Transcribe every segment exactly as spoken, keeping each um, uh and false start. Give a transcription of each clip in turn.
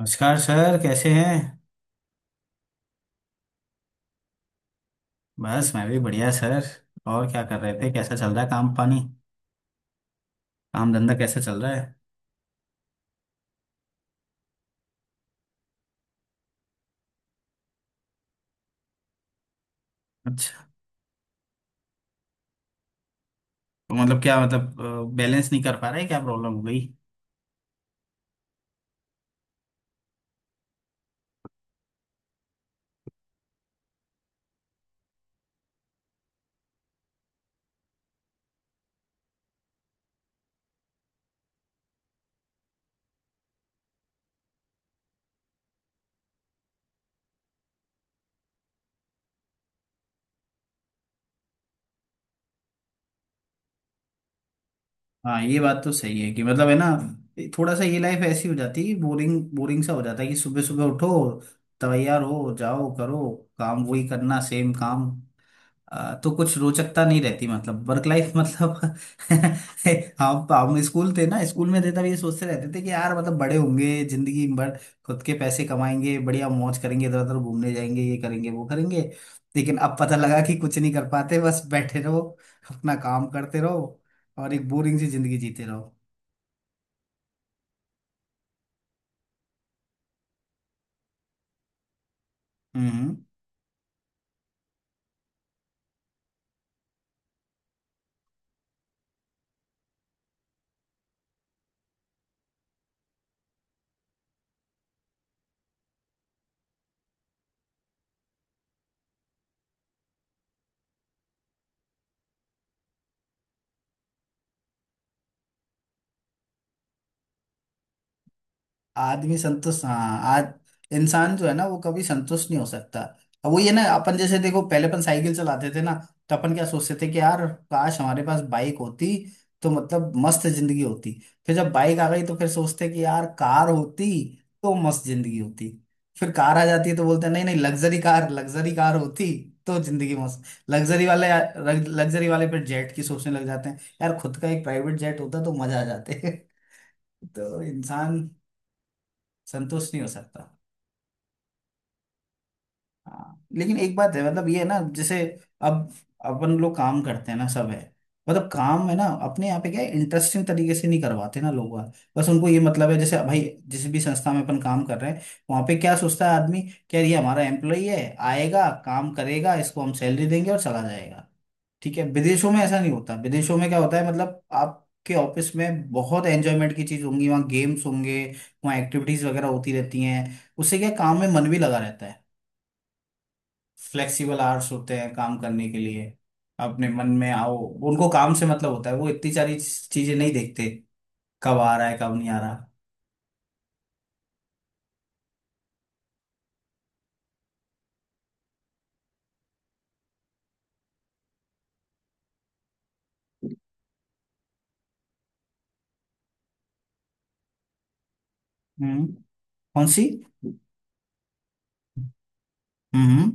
नमस्कार सर, कैसे हैं। बस मैं भी बढ़िया सर। और क्या कर रहे थे, कैसा चल रहा है काम पानी। काम धंधा कैसा चल रहा है? अच्छा। तो मतलब, क्या मतलब, बैलेंस नहीं कर पा रहे? क्या प्रॉब्लम हो गई? हाँ, ये बात तो सही है कि मतलब है ना। थोड़ा सा ये लाइफ ऐसी हो जाती है, बोरिंग बोरिंग सा हो जाता है कि सुबह सुबह उठो, तैयार हो जाओ, करो, काम वही करना, सेम काम। आ, तो कुछ रोचकता नहीं रहती, मतलब वर्क लाइफ, मतलब। हम हम स्कूल थे ना, स्कूल में थे तब ये सोचते रहते थे कि यार मतलब बड़े होंगे, जिंदगी भर खुद के पैसे कमाएंगे, बढ़िया मौज करेंगे, इधर उधर घूमने जाएंगे, ये करेंगे वो करेंगे। लेकिन अब पता लगा कि कुछ नहीं कर पाते, बस बैठे रहो, अपना काम करते रहो और एक बोरिंग सी जिंदगी जीते रहो। हम्म। आदमी संतुष्ट, हाँ आज इंसान जो है ना वो कभी संतुष्ट नहीं हो सकता। अब वो ये ना, अपन जैसे देखो, पहले अपन साइकिल चलाते थे ना, तो अपन क्या सोचते थे कि यार काश हमारे पास बाइक होती, तो मतलब मस्त जिंदगी होती। फिर जब बाइक आ गई तो फिर सोचते कि यार कार होती तो मस्त जिंदगी होती। फिर कार आ जाती है तो बोलते हैं नहीं नहीं, लग्जरी कार, लग्जरी कार होती तो जिंदगी मस्त। लग्जरी वाले, लग्जरी वाले फिर जेट की सोचने लग जाते हैं, यार खुद का एक प्राइवेट जेट होता तो मजा आ जाते। तो इंसान संतुष्ट नहीं हो सकता। हाँ, लेकिन एक बात है, मतलब ये है ना, जैसे अब अपन लोग काम करते हैं ना सब है। मतलब काम है ना, अपने यहाँ पे क्या इंटरेस्टिंग तरीके से नहीं करवाते ना लोग वहाँ। बस उनको ये मतलब है जैसे भाई, जिस भी संस्था में अपन काम कर रहे हैं वहाँ पे क्या सोचता है आदमी? क्या ये हमारा एम्प्लॉई है, आएगा काम करेगा, इसको हम सैलरी देंगे और चला जाएगा। ठीक है, विदेशों में ऐसा नहीं होता, विदेशों में क्या होता है, मतलब आपके ऑफिस में बहुत एंजॉयमेंट की चीज होंगी, वहाँ गेम्स होंगे, वहाँ एक्टिविटीज वगैरह होती रहती हैं। उससे क्या, काम में मन भी लगा रहता है। फ्लेक्सिबल आवर्स होते हैं काम करने के लिए, अपने मन में आओ। उनको काम से मतलब होता है, वो इतनी सारी चीजें नहीं देखते कब आ रहा है कब नहीं आ रहा। हम्म। कौन सी? हम्म।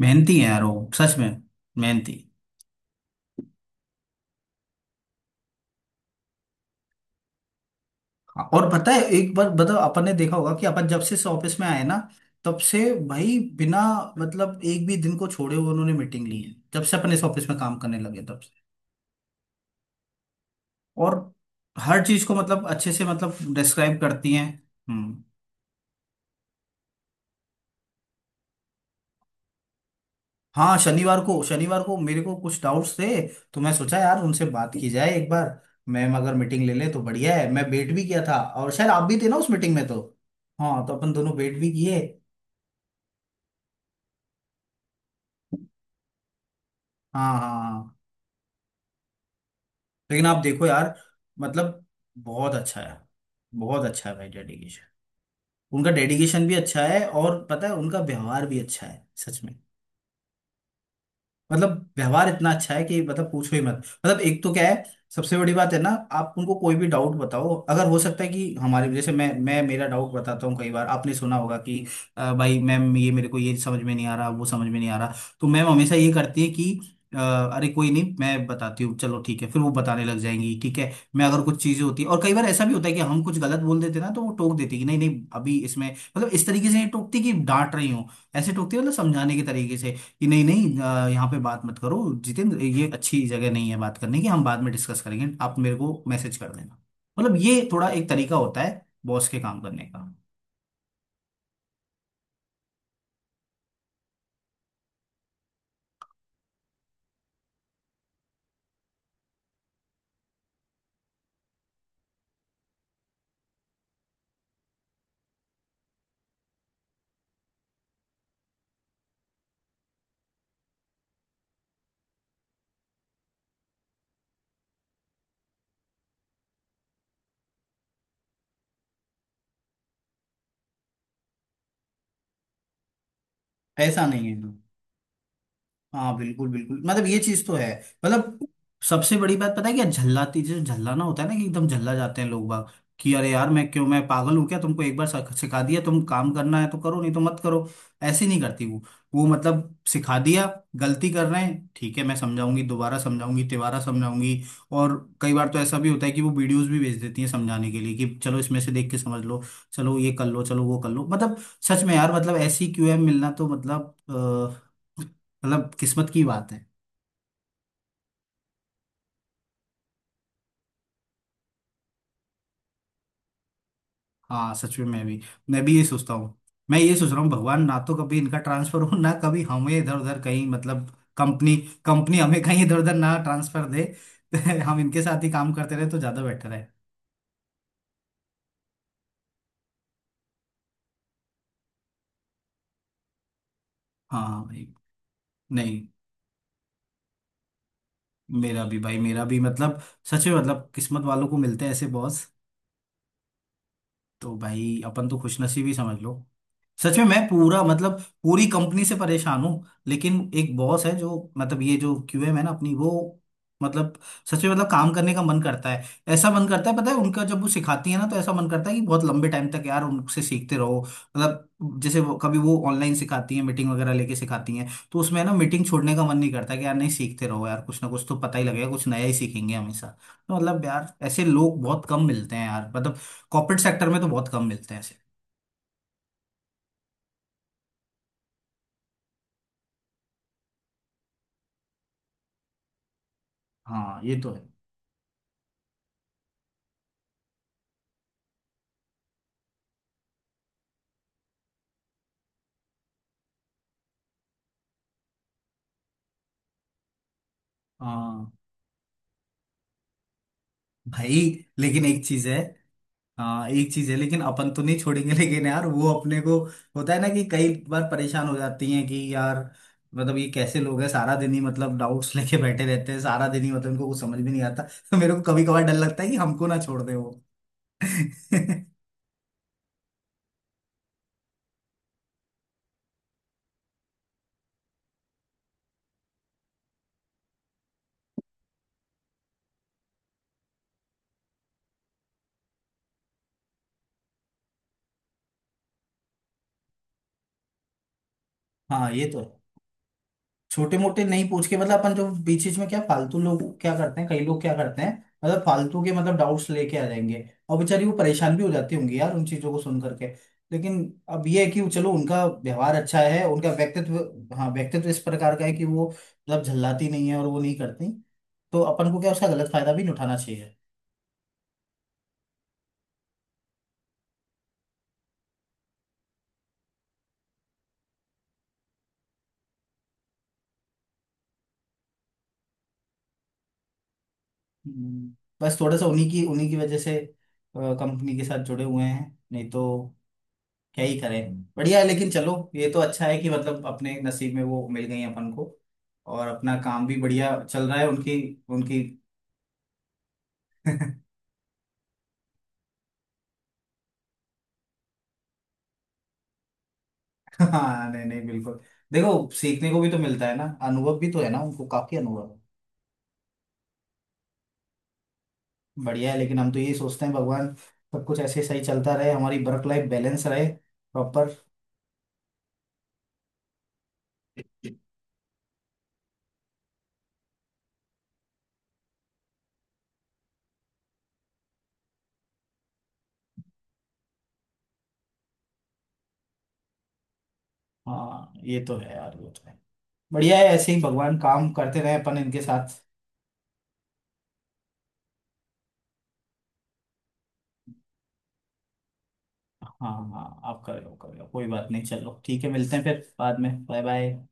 मेहनती है यार वो, सच में। मेहनती। हाँ, और पता है एक बार बताओ अपन ने देखा होगा कि अपन जब से इस ऑफिस में आए ना, तब से भाई बिना मतलब एक भी दिन को छोड़े हुए उन्होंने मीटिंग ली है, जब से अपन इस ऑफिस में काम करने लगे तब से। और हर चीज को मतलब अच्छे से मतलब डिस्क्राइब करती हैं। हम्म। हाँ, शनिवार को, शनिवार को मेरे को कुछ डाउट्स थे, तो मैं सोचा यार उनसे बात की जाए एक बार। मैम अगर मीटिंग ले लें तो बढ़िया है, मैं वेट भी किया था और शायद आप भी थे ना उस मीटिंग में तो। हाँ, तो अपन दोनों वेट भी किए। हाँ हाँ हाँ। लेकिन आप देखो यार, मतलब बहुत अच्छा है, बहुत अच्छा है भाई डेडिकेशन। उनका डेडिकेशन भी अच्छा है और पता है उनका व्यवहार भी अच्छा है सच में। मतलब व्यवहार इतना अच्छा है कि मतलब पूछो ही मत। मतलब एक तो क्या है, सबसे बड़ी बात है ना, आप उनको कोई भी डाउट बताओ, अगर हो सकता है कि हमारे जैसे, मैं मैं मेरा डाउट बताता हूँ, कई बार आपने सुना होगा कि "अ, भाई मैम ये मेरे को ये समझ में नहीं आ रहा, वो समझ में नहीं आ रहा, तो मैम हमेशा ये करती है कि "अ, अरे कोई नहीं मैं बताती हूँ, चलो ठीक है, फिर वो बताने लग जाएंगी। ठीक है, मैं अगर कुछ चीजें होती है और कई बार ऐसा भी होता है कि हम कुछ गलत बोल देते ना तो वो टोक देती है कि नहीं नहीं अभी इसमें, मतलब इस तरीके से नहीं टोकती कि डांट रही हूँ। ऐसे टोकती है मतलब समझाने के तरीके से कि नहीं नहीं अ, यहाँ पे बात मत करो, जितेंद्र ये अच्छी जगह नहीं है बात करने की, हम बाद में डिस्कस करेंगे, आप मेरे को मैसेज कर देना। मतलब ये थोड़ा एक तरीका होता है बॉस के काम करने का। ऐसा नहीं है। हाँ बिल्कुल बिल्कुल, मतलब ये चीज तो है। मतलब सबसे बड़ी बात पता है क्या, झल्लाती, जो झल्लाना होता है ना कि एकदम झल्ला जाते हैं लोग बाग कि अरे यार मैं क्यों, मैं पागल हूँ क्या, तुमको एक बार सख- सिखा दिया, तुम काम करना है तो करो नहीं तो मत करो। ऐसे नहीं करती वो। वो मतलब सिखा दिया, गलती कर रहे हैं ठीक है मैं समझाऊंगी, दोबारा समझाऊंगी, तिबारा समझाऊंगी। और कई बार तो ऐसा भी होता है कि वो वीडियोस भी भेज देती हैं समझाने के लिए कि चलो इसमें से देख के समझ लो, चलो ये कर लो, चलो वो कर लो, मतलब सच में यार, मतलब ऐसी क्यूएम मिलना तो मतलब, मतलब किस्मत की बात है। हाँ सच में, मैं भी, मैं भी ये सोचता हूँ। मैं ये सोच रहा हूँ भगवान ना तो कभी इनका ट्रांसफर हो, ना कभी हमें इधर उधर कहीं, मतलब कंपनी, कंपनी हमें कहीं इधर उधर ना ट्रांसफर दे। हम इनके साथ ही काम करते रहे तो ज्यादा बेटर है। हाँ भाई। नहीं, मेरा भी भाई, मेरा भी मतलब सच में मतलब किस्मत वालों को मिलते हैं ऐसे बॉस, तो भाई अपन तो खुशनसीब ही समझ लो। सच में मैं पूरा मतलब पूरी कंपनी से परेशान हूँ, लेकिन एक बॉस है जो, मतलब ये जो क्यूएम है ना अपनी, वो मतलब सच में मतलब काम करने का मन करता है। ऐसा मन करता है, पता है उनका, जब वो सिखाती है ना तो ऐसा मन करता है कि बहुत लंबे टाइम तक यार उनसे सीखते रहो, मतलब जैसे वो कभी वो ऑनलाइन सिखाती है मीटिंग वगैरह लेके सिखाती हैं, तो उसमें ना मीटिंग छोड़ने का मन नहीं करता कि यार नहीं सीखते रहो यार, कुछ ना कुछ तो पता ही लगेगा, कुछ नया ही सीखेंगे हमेशा। तो मतलब यार ऐसे लोग बहुत कम मिलते हैं यार, मतलब कॉर्पोरेट सेक्टर में तो बहुत कम मिलते हैं ऐसे। हाँ ये तो है। हाँ भाई, लेकिन एक चीज है, हाँ एक चीज है, लेकिन अपन तो नहीं छोड़ेंगे, लेकिन यार वो अपने को होता है ना कि कई बार परेशान हो जाती हैं कि यार मतलब ये कैसे लोग हैं, सारा दिन ही मतलब डाउट्स लेके बैठे रहते हैं सारा दिन ही, मतलब इनको कुछ समझ में नहीं आता, तो मेरे को कभी कभार डर लगता है कि हमको ना छोड़ दे वो। हाँ ये तो है। छोटे मोटे नहीं पूछ के, मतलब अपन जो बीच बीच में क्या फालतू लोग क्या करते हैं, कई लोग क्या करते हैं, मतलब फालतू के मतलब डाउट्स लेके आ जाएंगे और बेचारी वो परेशान भी हो जाती होंगी यार उन चीजों को सुन करके, लेकिन अब ये है कि वो, चलो उनका व्यवहार अच्छा है, उनका व्यक्तित्व, हाँ व्यक्तित्व इस प्रकार का है कि वो मतलब झल्लाती नहीं है और वो नहीं करती, तो अपन को क्या उसका गलत फायदा भी नहीं उठाना चाहिए। हम्म, बस थोड़ा सा उन्हीं की उन्हीं की वजह से कंपनी के साथ जुड़े हुए हैं, नहीं तो क्या ही करें, बढ़िया है। लेकिन चलो ये तो अच्छा है कि मतलब अपने नसीब में वो मिल गई अपन को, और अपना काम भी बढ़िया चल रहा है उनकी। उनकी। हाँ नहीं नहीं, बिल्कुल देखो सीखने को भी तो मिलता है ना, अनुभव भी तो है ना, उनको काफी अनुभव है। बढ़िया है, लेकिन हम तो यही सोचते हैं भगवान सब कुछ ऐसे सही चलता रहे, हमारी वर्क लाइफ बैलेंस रहे, प्रॉपर। हाँ ये तो है यार, वो तो है। बढ़िया है, ऐसे ही भगवान काम करते रहे अपन इनके साथ। हाँ हाँ हाँ, आप कर लो कर लो, कोई बात नहीं, चलो ठीक है, मिलते हैं फिर बाद में, बाय बाय।